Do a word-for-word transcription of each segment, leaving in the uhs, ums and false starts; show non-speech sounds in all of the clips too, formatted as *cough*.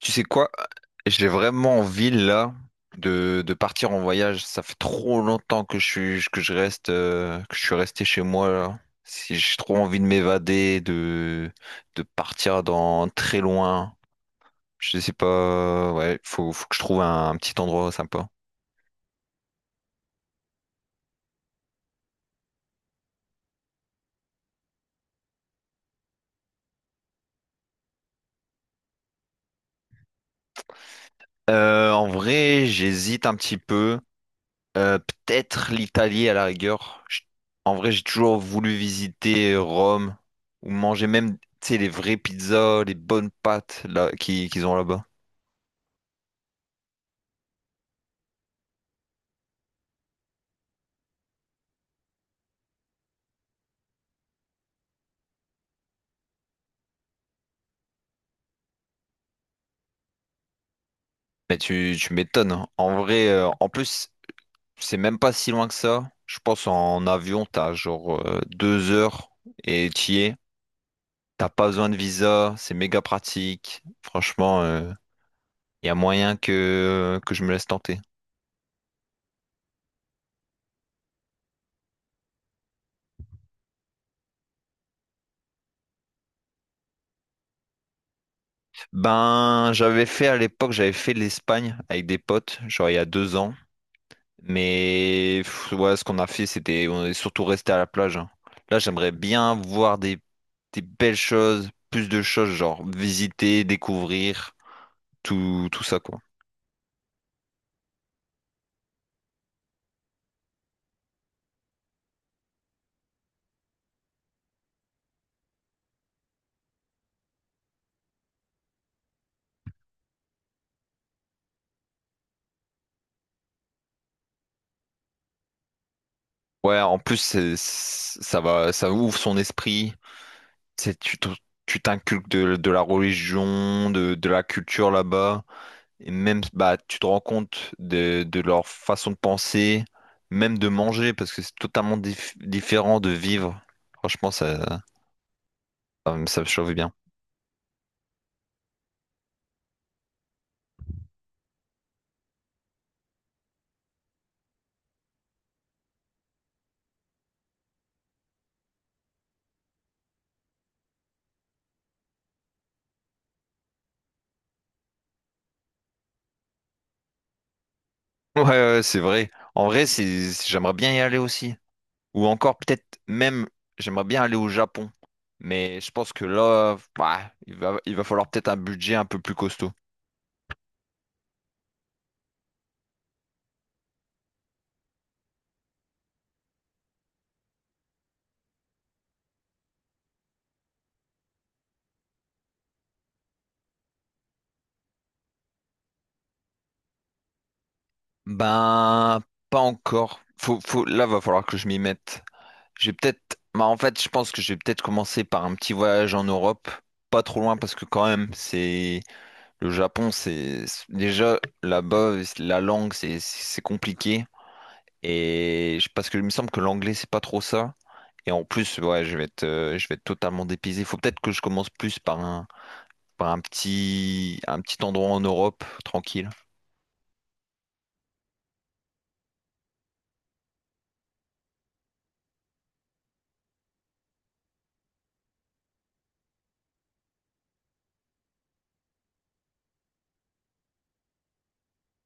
Tu sais quoi? J'ai vraiment envie là de, de partir en voyage. Ça fait trop longtemps que je suis que je reste euh, que je suis resté chez moi là. Si j'ai trop envie de m'évader, de de partir dans très loin. Je sais pas. Ouais, faut, faut que je trouve un, un petit endroit sympa. Euh, en vrai, j'hésite un petit peu. Euh, peut-être l'Italie à la rigueur. Je- En vrai, j'ai toujours voulu visiter Rome ou manger même, tu sais, les vraies pizzas, les bonnes pâtes là qui- qu'ils ont là-bas. Mais tu, tu m'étonnes. Hein. En vrai, euh, en plus, c'est même pas si loin que ça. Je pense en avion, t'as genre euh, deux heures et t'y es. T'as pas besoin de visa, c'est méga pratique. Franchement, il y a moyen que, que je me laisse tenter. Ben, j'avais fait à l'époque, j'avais fait l'Espagne avec des potes, genre il y a deux ans. Mais pff, ouais, ce qu'on a fait, c'était on est surtout resté à la plage. Hein. Là, j'aimerais bien voir des, des belles choses, plus de choses, genre visiter, découvrir, tout, tout ça quoi. Ouais, en plus, c'est- c'est- ça va, ça ouvre son esprit. C'est, tu te- Tu t'inculques de, de la religion, de, de la culture là-bas. Et même, bah, tu te rends compte de, de leur façon de penser, même de manger, parce que c'est totalement dif- différent de vivre. Franchement, ça, ça, me ça me chauffe bien. *laughs* Ouais, ouais, c'est vrai. En vrai, c'est, c'est- j'aimerais bien y aller aussi. Ou encore, peut-être même, j'aimerais bien aller au Japon. Mais je pense que là, bah, il va, il va falloir peut-être un budget un peu plus costaud. Ben, pas encore. Faut, faut, là, va falloir que je m'y mette. J'ai peut-être, bah, en fait, je pense que je vais peut-être commencer par un petit voyage en Europe, pas trop loin parce que quand même, c'est le Japon, c'est c'est- déjà là-bas, c'est- la langue, c'est c'est compliqué et je- parce que il me semble que l'anglais, c'est pas trop ça. Et en plus, ouais, je vais être, euh, je vais être totalement dépaysé. Faut peut-être que je commence plus par un, par un petit, un petit endroit en Europe, tranquille.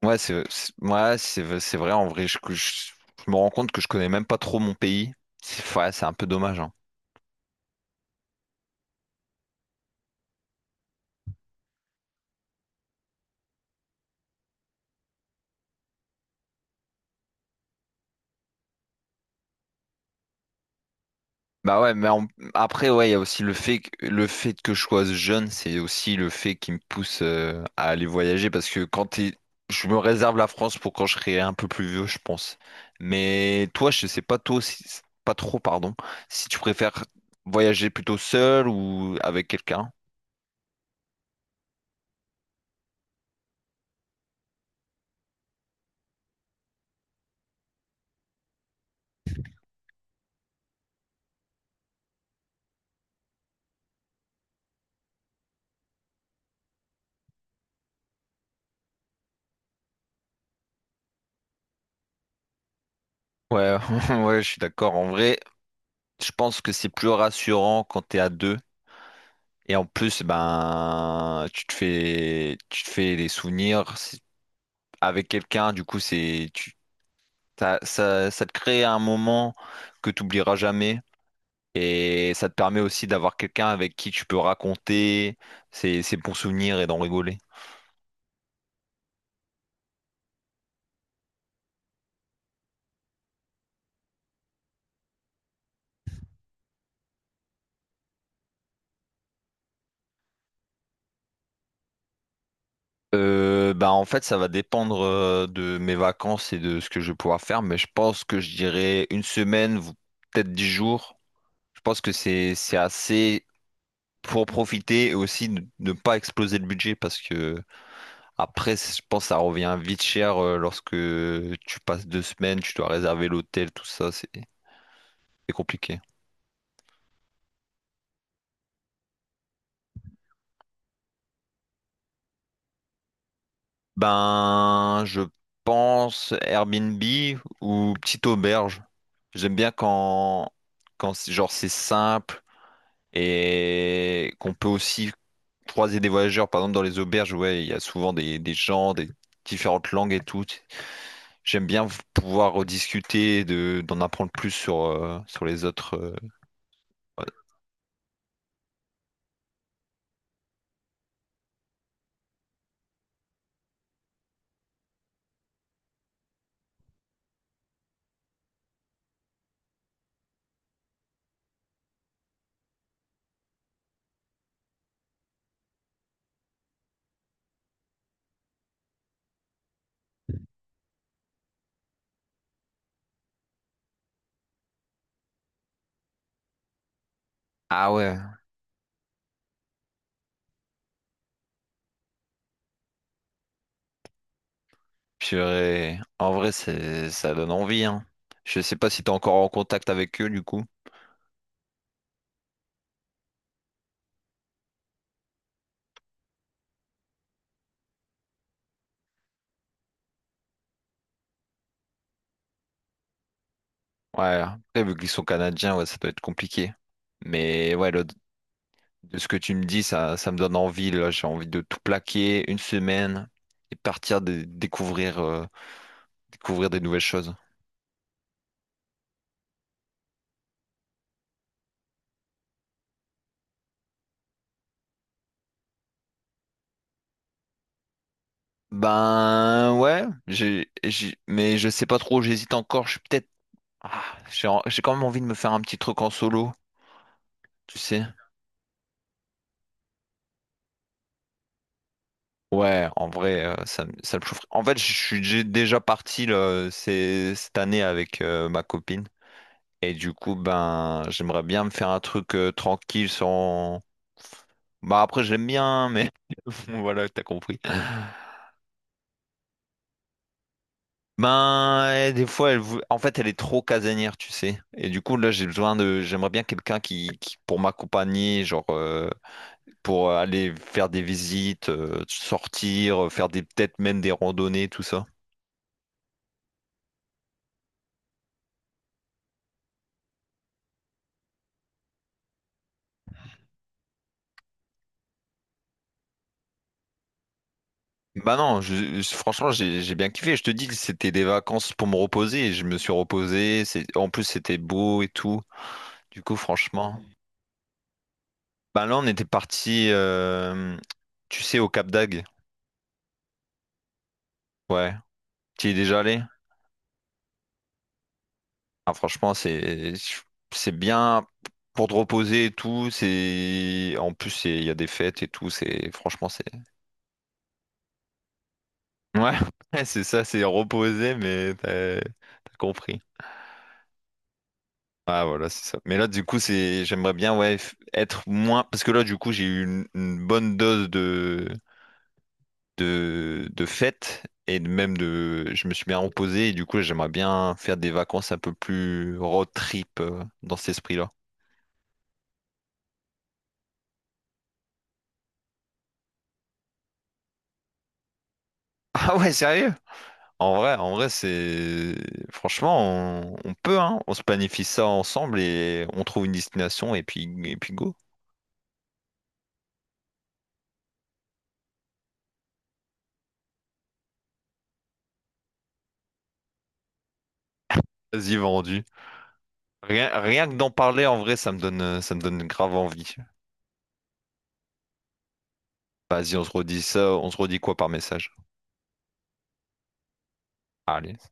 Ouais, c'est c'est- ouais, c'est c'est vrai, en vrai, je, que je, je me rends compte que je connais même pas trop mon pays. C'est ouais, c'est un peu dommage, hein. Bah ouais, mais en- après, ouais, il y a aussi le fait que, le fait que je sois jeune, c'est aussi le fait qui me pousse euh, à aller voyager parce que quand t'es, je me réserve la France pour quand je serai un peu plus vieux, je pense. Mais toi, je sais pas toi si- pas trop, pardon, si tu préfères voyager plutôt seul ou avec quelqu'un. Ouais, *laughs* ouais, je suis d'accord. En vrai, Je pense que c'est plus rassurant quand t'es à deux. Et en plus, ben, tu te fais, tu te fais des souvenirs si- avec quelqu'un. Du coup, c'est, tu, t'as- ça, ça te crée un moment que tu oublieras jamais. Et ça te permet aussi d'avoir quelqu'un avec qui tu peux raconter ses, ses bons souvenirs et d'en rigoler. Euh, ben, en fait, ça va dépendre euh, de mes vacances et de ce que je vais pouvoir faire. Mais je pense que je dirais une semaine, vous- peut-être dix jours. Je pense que c'est, c'est assez. pour profiter et aussi ne, ne pas exploser le budget parce que après, je pense que ça revient vite cher euh, lorsque tu passes deux semaines, tu dois réserver l'hôtel, tout ça, c'est c'est compliqué. Ben, je pense Airbnb ou petite auberge. J'aime bien quand, quand c'est- genre c'est simple et qu'on peut aussi croiser des voyageurs. Par exemple, dans les auberges, ouais, il y a souvent des, des gens, des différentes langues et tout. J'aime bien pouvoir rediscuter, de, d'en apprendre plus sur, euh, sur les autres. euh. Ah ouais, purée. En vrai, c'est, ça donne envie, hein. Je sais pas si t'es encore en contact avec eux, du coup. Ouais, après, vu qu'ils sont canadiens, ouais, ça doit être compliqué. Mais ouais, le- de ce que tu me dis, ça, ça me donne envie, là. J'ai envie de tout plaquer une semaine et partir de- découvrir, euh, découvrir des nouvelles choses. Ben ouais, j'ai, j'ai- mais je sais pas trop, j'hésite encore. Je suis peut-être Ah, j'ai en- j'ai quand même envie de me faire un petit truc en solo, tu sais. Ouais, en vrai, euh, ça, me- ça me chaufferait. En fait, je suis j'ai déjà parti là, ces- cette année avec euh, ma copine. Et du coup, ben, j'aimerais bien me faire un truc euh, tranquille sans... Bah après, j'aime bien, mais *laughs* voilà, t'as compris. Ben, et des fois, elle, vou- en fait, elle est trop casanière, tu sais. Et du coup, là, j'ai besoin de... J'aimerais bien quelqu'un qui, qui- pour m'accompagner, genre... euh, pour aller faire des visites, euh, sortir, euh, faire des peut-être même des randonnées, tout ça. Bah non, je- je- franchement, j'ai j'ai bien kiffé. Je te dis que c'était des vacances pour me reposer et je me suis reposé. C'est, en plus, c'était beau et tout. Du coup, franchement. Bah là, on était parti, euh, tu sais, au Cap d'Agde. Ouais. Tu y es déjà allé? Ah, franchement, c'est c'est bien pour te reposer et tout. C'est en plus, c'est- il y a des fêtes et tout. C'est franchement, c'est Ouais, *laughs* ouais, c'est ça, c'est reposer mais t'as t'as compris. Ah voilà, c'est ça. Mais là, du coup, c'est j'aimerais bien ouais f- être moins parce que là, du coup, j'ai eu une, une bonne dose de de de fête et de- même de je me suis bien reposé et du coup, j'aimerais bien faire des vacances un peu plus road trip euh, dans cet esprit-là. *laughs* Ah ouais, sérieux? En vrai, en vrai, c'est franchement, on, on peut hein, on se planifie ça ensemble et on trouve une destination et puis et puis go. Vas-y, vendu. Rien, rien que d'en parler en vrai, ça me donne, ça me donne grave envie. Vas-y, on se redit ça, on se redit quoi par message? Allez.